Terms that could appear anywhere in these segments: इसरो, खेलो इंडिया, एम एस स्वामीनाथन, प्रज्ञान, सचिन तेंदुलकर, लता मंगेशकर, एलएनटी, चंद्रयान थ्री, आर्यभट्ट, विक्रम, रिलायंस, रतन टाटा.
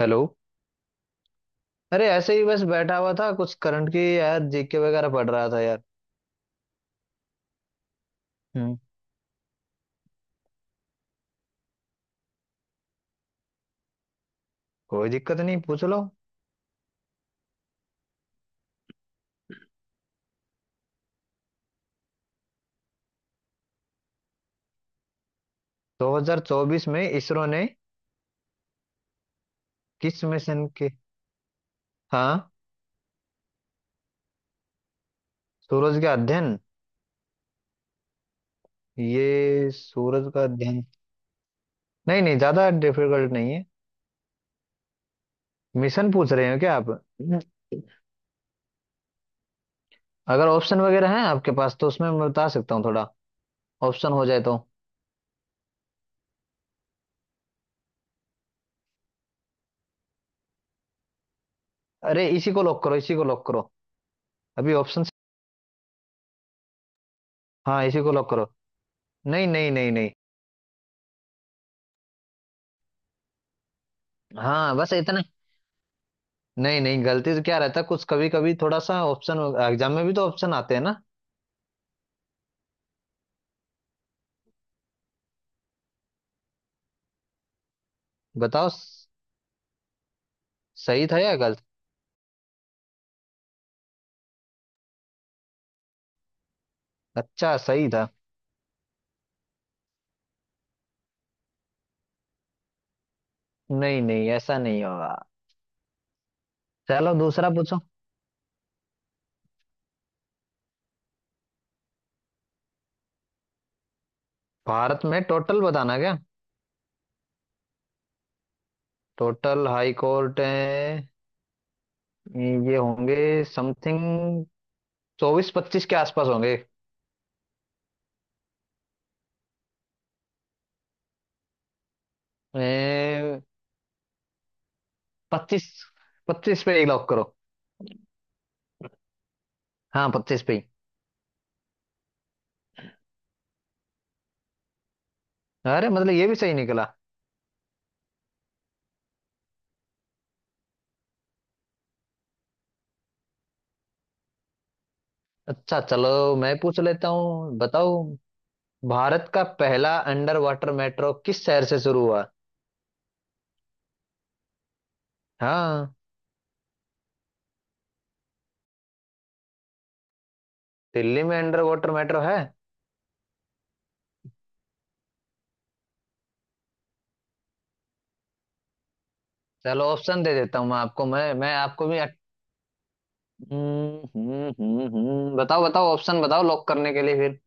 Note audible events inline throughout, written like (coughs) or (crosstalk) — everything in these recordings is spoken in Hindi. हेलो। अरे ऐसे ही बस बैठा हुआ था, कुछ करंट की यार जीके वगैरह पढ़ रहा था यार। हम्म। कोई दिक्कत नहीं, पूछ लो। 2024 में इसरो ने किस मिशन के? हाँ, सूरज का अध्ययन। ये सूरज का अध्ययन। नहीं नहीं ज्यादा डिफिकल्ट नहीं है। मिशन पूछ रहे हो क्या आप? अगर ऑप्शन वगैरह हैं आपके पास तो उसमें मैं बता सकता हूँ थोड़ा। ऑप्शन हो जाए तो। अरे इसी को लॉक करो, इसी को लॉक करो। अभी ऑप्शन। हाँ, इसी को लॉक करो। नहीं, नहीं। हाँ बस इतना। नहीं नहीं, गलती से क्या रहता है कुछ, कभी कभी थोड़ा सा ऑप्शन। एग्जाम में भी तो ऑप्शन आते हैं ना। बताओ। सही था या गलत? अच्छा, सही था। नहीं नहीं ऐसा नहीं होगा। चलो दूसरा पूछो। भारत में टोटल बताना क्या? टोटल हाई कोर्ट है। ये होंगे समथिंग चौबीस पच्चीस के आसपास होंगे। ए, पच्चीस। पच्चीस पे ही लॉक करो। हाँ पच्चीस पे ही। अरे मतलब ये भी सही निकला। अच्छा चलो मैं पूछ लेता हूँ, बताओ। भारत का पहला अंडर वाटर मेट्रो किस शहर से शुरू हुआ? हाँ, दिल्ली में अंडर वाटर मेट्रो है? चलो ऑप्शन दे देता हूँ मैं आपको। मैं आपको भी बताओ बताओ, ऑप्शन बताओ लॉक करने के लिए फिर।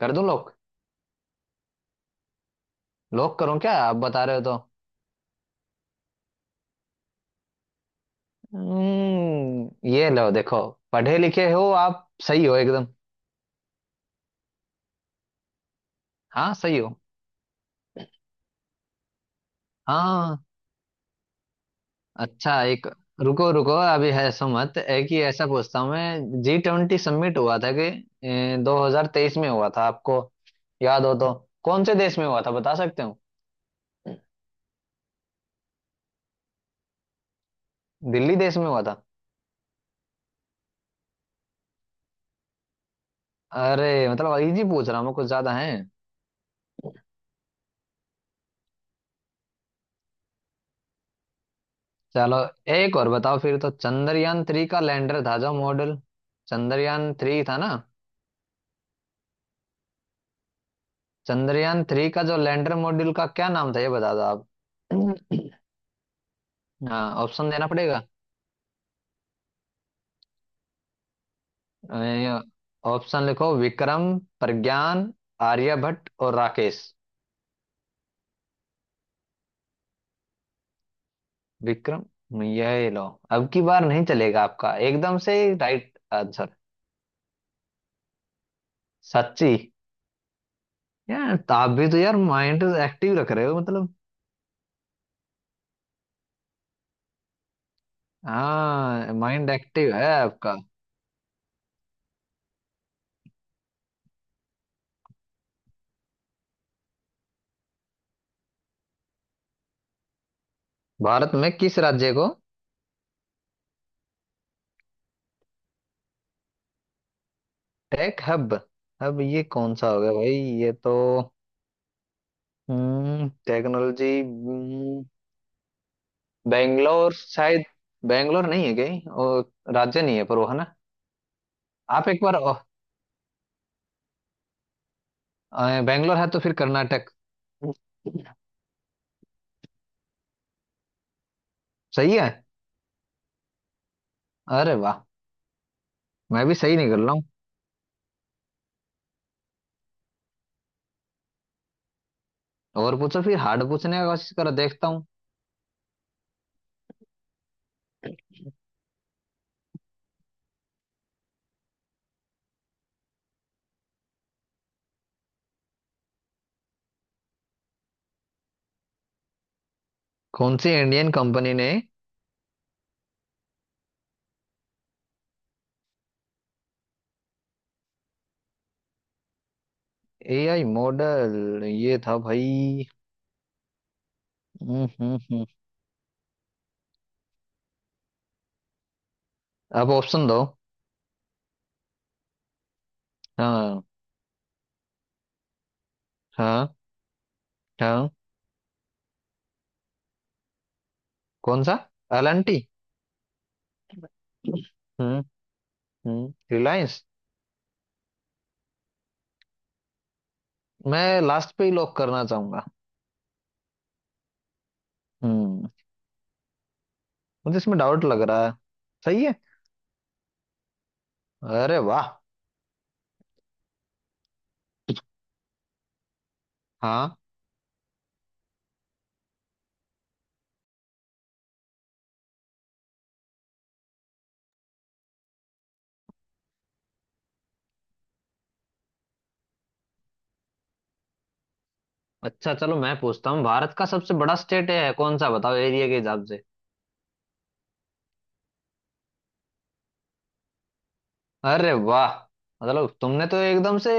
कर दूं लॉक? लॉक करूं क्या, आप बता रहे हो तो? हम्म, ये लो देखो। पढ़े लिखे हो आप, सही हो एकदम। हाँ सही हो। हाँ। अच्छा एक, रुको रुको, अभी है ऐसा मत, एक ही ऐसा पूछता हूँ मैं। जी ट्वेंटी समिट हुआ था, कि दो हजार तेईस में हुआ था आपको याद हो तो कौन से देश में हुआ था बता सकते हो? दिल्ली देश में हुआ था? अरे मतलब इजी पूछ रहा हूँ मैं, कुछ ज्यादा है? चलो एक और बताओ फिर तो। चंद्रयान थ्री का लैंडर था, जो मॉडल चंद्रयान थ्री था ना, चंद्रयान थ्री का जो लैंडर मॉड्यूल का क्या नाम था ये बता दो आप। (coughs) हाँ, ऑप्शन देना पड़ेगा। अ, ऑप्शन लिखो, विक्रम, प्रज्ञान, आर्यभट्ट और राकेश। विक्रम, यह लो। अब की बार नहीं चलेगा आपका एकदम से। Right answer. सच्ची। यार तो आप भी तो यार माइंड एक्टिव रख रहे हो मतलब। हाँ माइंड एक्टिव है आपका। भारत में किस राज्य को टेक हब? हब ये कौन सा होगा भाई? ये तो, हम्म, टेक्नोलॉजी। बेंगलोर शायद। बेंगलोर नहीं है कहीं और? राज्य नहीं है पर वो है ना। आप एक बार बैंगलोर है तो फिर कर्नाटक। सही है। अरे वाह। मैं भी सही निकल रहा हूँ। और पूछो फिर, हार्ड पूछने का कोशिश करो, देखता हूँ। कौन सी इंडियन कंपनी ने एआई मॉडल? ये था भाई। हम्म। अब ऑप्शन दो। हाँ। हाँ। हाँ। कौन सा? एलएनटी। हम्म हम्म, रिलायंस। मैं लास्ट पे ही लॉक करना चाहूंगा। हम्म। मुझे इसमें डाउट लग रहा है। सही है। अरे वाह। हाँ। अच्छा चलो मैं पूछता हूँ, भारत का सबसे बड़ा स्टेट है कौन सा बताओ एरिया के हिसाब से? अरे वाह। मतलब तुमने तो एकदम से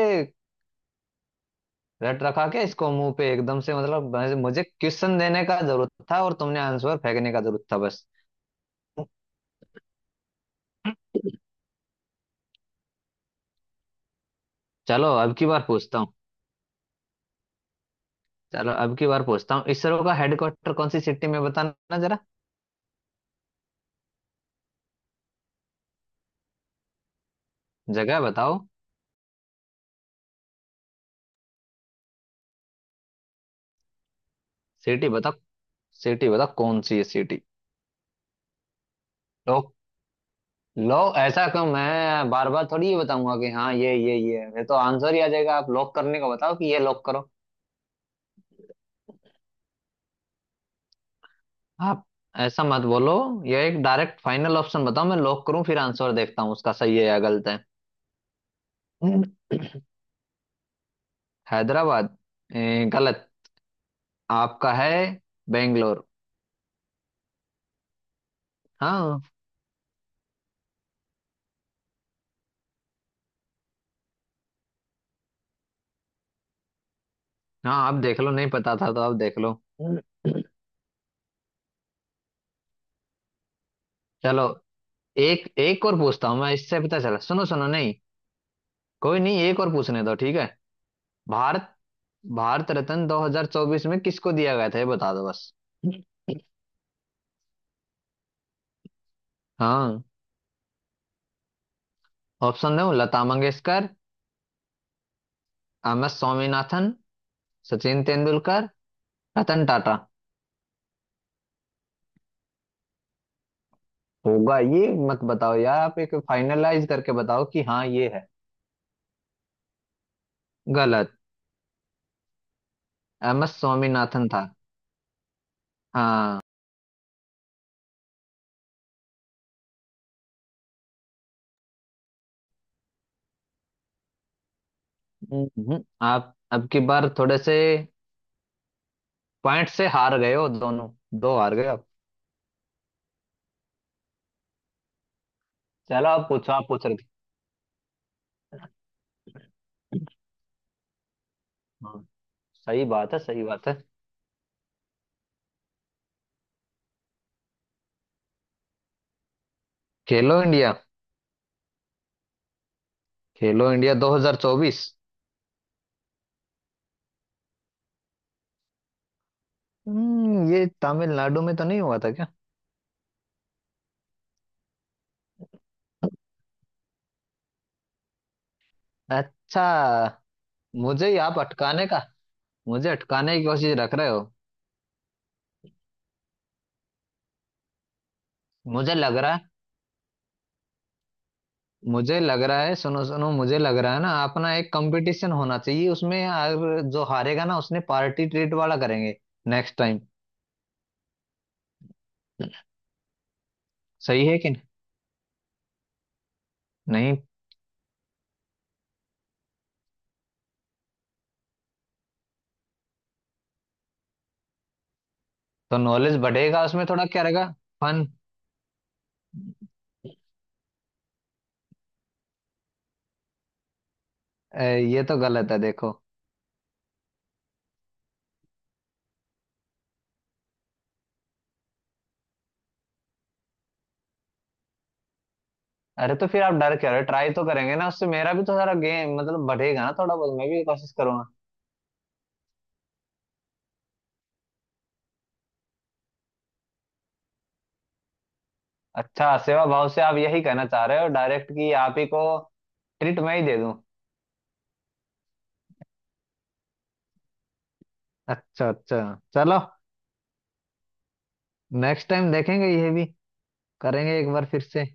रट रखा क्या इसको मुंह पे एकदम से। मतलब मुझे मुझे क्वेश्चन देने का जरूरत था और तुमने आंसर फेंकने का जरूरत था बस। चलो अब की बार पूछता हूँ। चलो अब की बार पूछता हूँ, इसरो का हेडक्वार्टर कौन सी सिटी में बताना जरा? जगह बताओ। सिटी बताओ। सिटी बताओ कौन सी है सिटी। लो। लो ऐसा क्यों, मैं बार बार थोड़ी ये बताऊंगा कि हाँ ये तो आंसर ही आ जाएगा। आप लॉक करने को बताओ कि ये लॉक करो। आप ऐसा मत बोलो। ये एक डायरेक्ट फाइनल ऑप्शन बताओ, मैं लॉक करूं, फिर आंसर देखता हूँ उसका सही है या गलत है। हम्म। हैदराबाद। गलत। आपका है बेंगलोर। हाँ। हाँ आप देख लो, नहीं पता था तो आप देख लो। हम्म। चलो एक, एक और पूछता हूँ मैं, इससे पता चला। सुनो सुनो, नहीं, कोई नहीं, एक और पूछने दो, ठीक है? भारत, भारत रत्न 2024 में किसको दिया गया था ये बता दो बस। हाँ, ऑप्शन दो। लता मंगेशकर, एम एस स्वामीनाथन, सचिन तेंदुलकर, रतन टाटा। होगा ये मत बताओ यार, आप एक फाइनलाइज करके बताओ कि हाँ ये है। गलत। एम एस स्वामीनाथन था। हाँ। आप अब की बार थोड़े से पॉइंट से हार गए हो दोनों। दो हार गए आप। चलो आप पूछो, आप पूछ रहे थे। हाँ, सही बात है, सही बात है। खेलो इंडिया। खेलो इंडिया 2024। हम्म, ये तमिलनाडु में तो नहीं हुआ था क्या? अच्छा, मुझे ही आप अटकाने का, मुझे अटकाने की कोशिश रख रहे हो? मुझे लग रहा है। मुझे लग रहा है, सुनो सुनो, मुझे लग रहा है ना, अपना एक कंपटीशन होना चाहिए उसमें यार। जो हारेगा ना उसने पार्टी ट्रीट वाला करेंगे नेक्स्ट टाइम। सही है कि नहीं? नहीं तो, नॉलेज बढ़ेगा उसमें, थोड़ा क्या रहेगा। फन। ये तो गलत है देखो। अरे तो फिर आप डर क्या रहे, ट्राई तो करेंगे ना, उससे मेरा भी तो सारा गेम मतलब बढ़ेगा ना थोड़ा बहुत, मैं भी कोशिश करूंगा। अच्छा, सेवा भाव से आप यही कहना चाह रहे हो डायरेक्ट कि आप ही को ट्रीट मैं ही दे दूं? अच्छा अच्छा। चलो नेक्स्ट टाइम देखेंगे, ये भी करेंगे एक बार फिर से।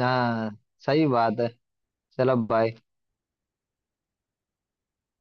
हाँ सही बात है। चलो भाई।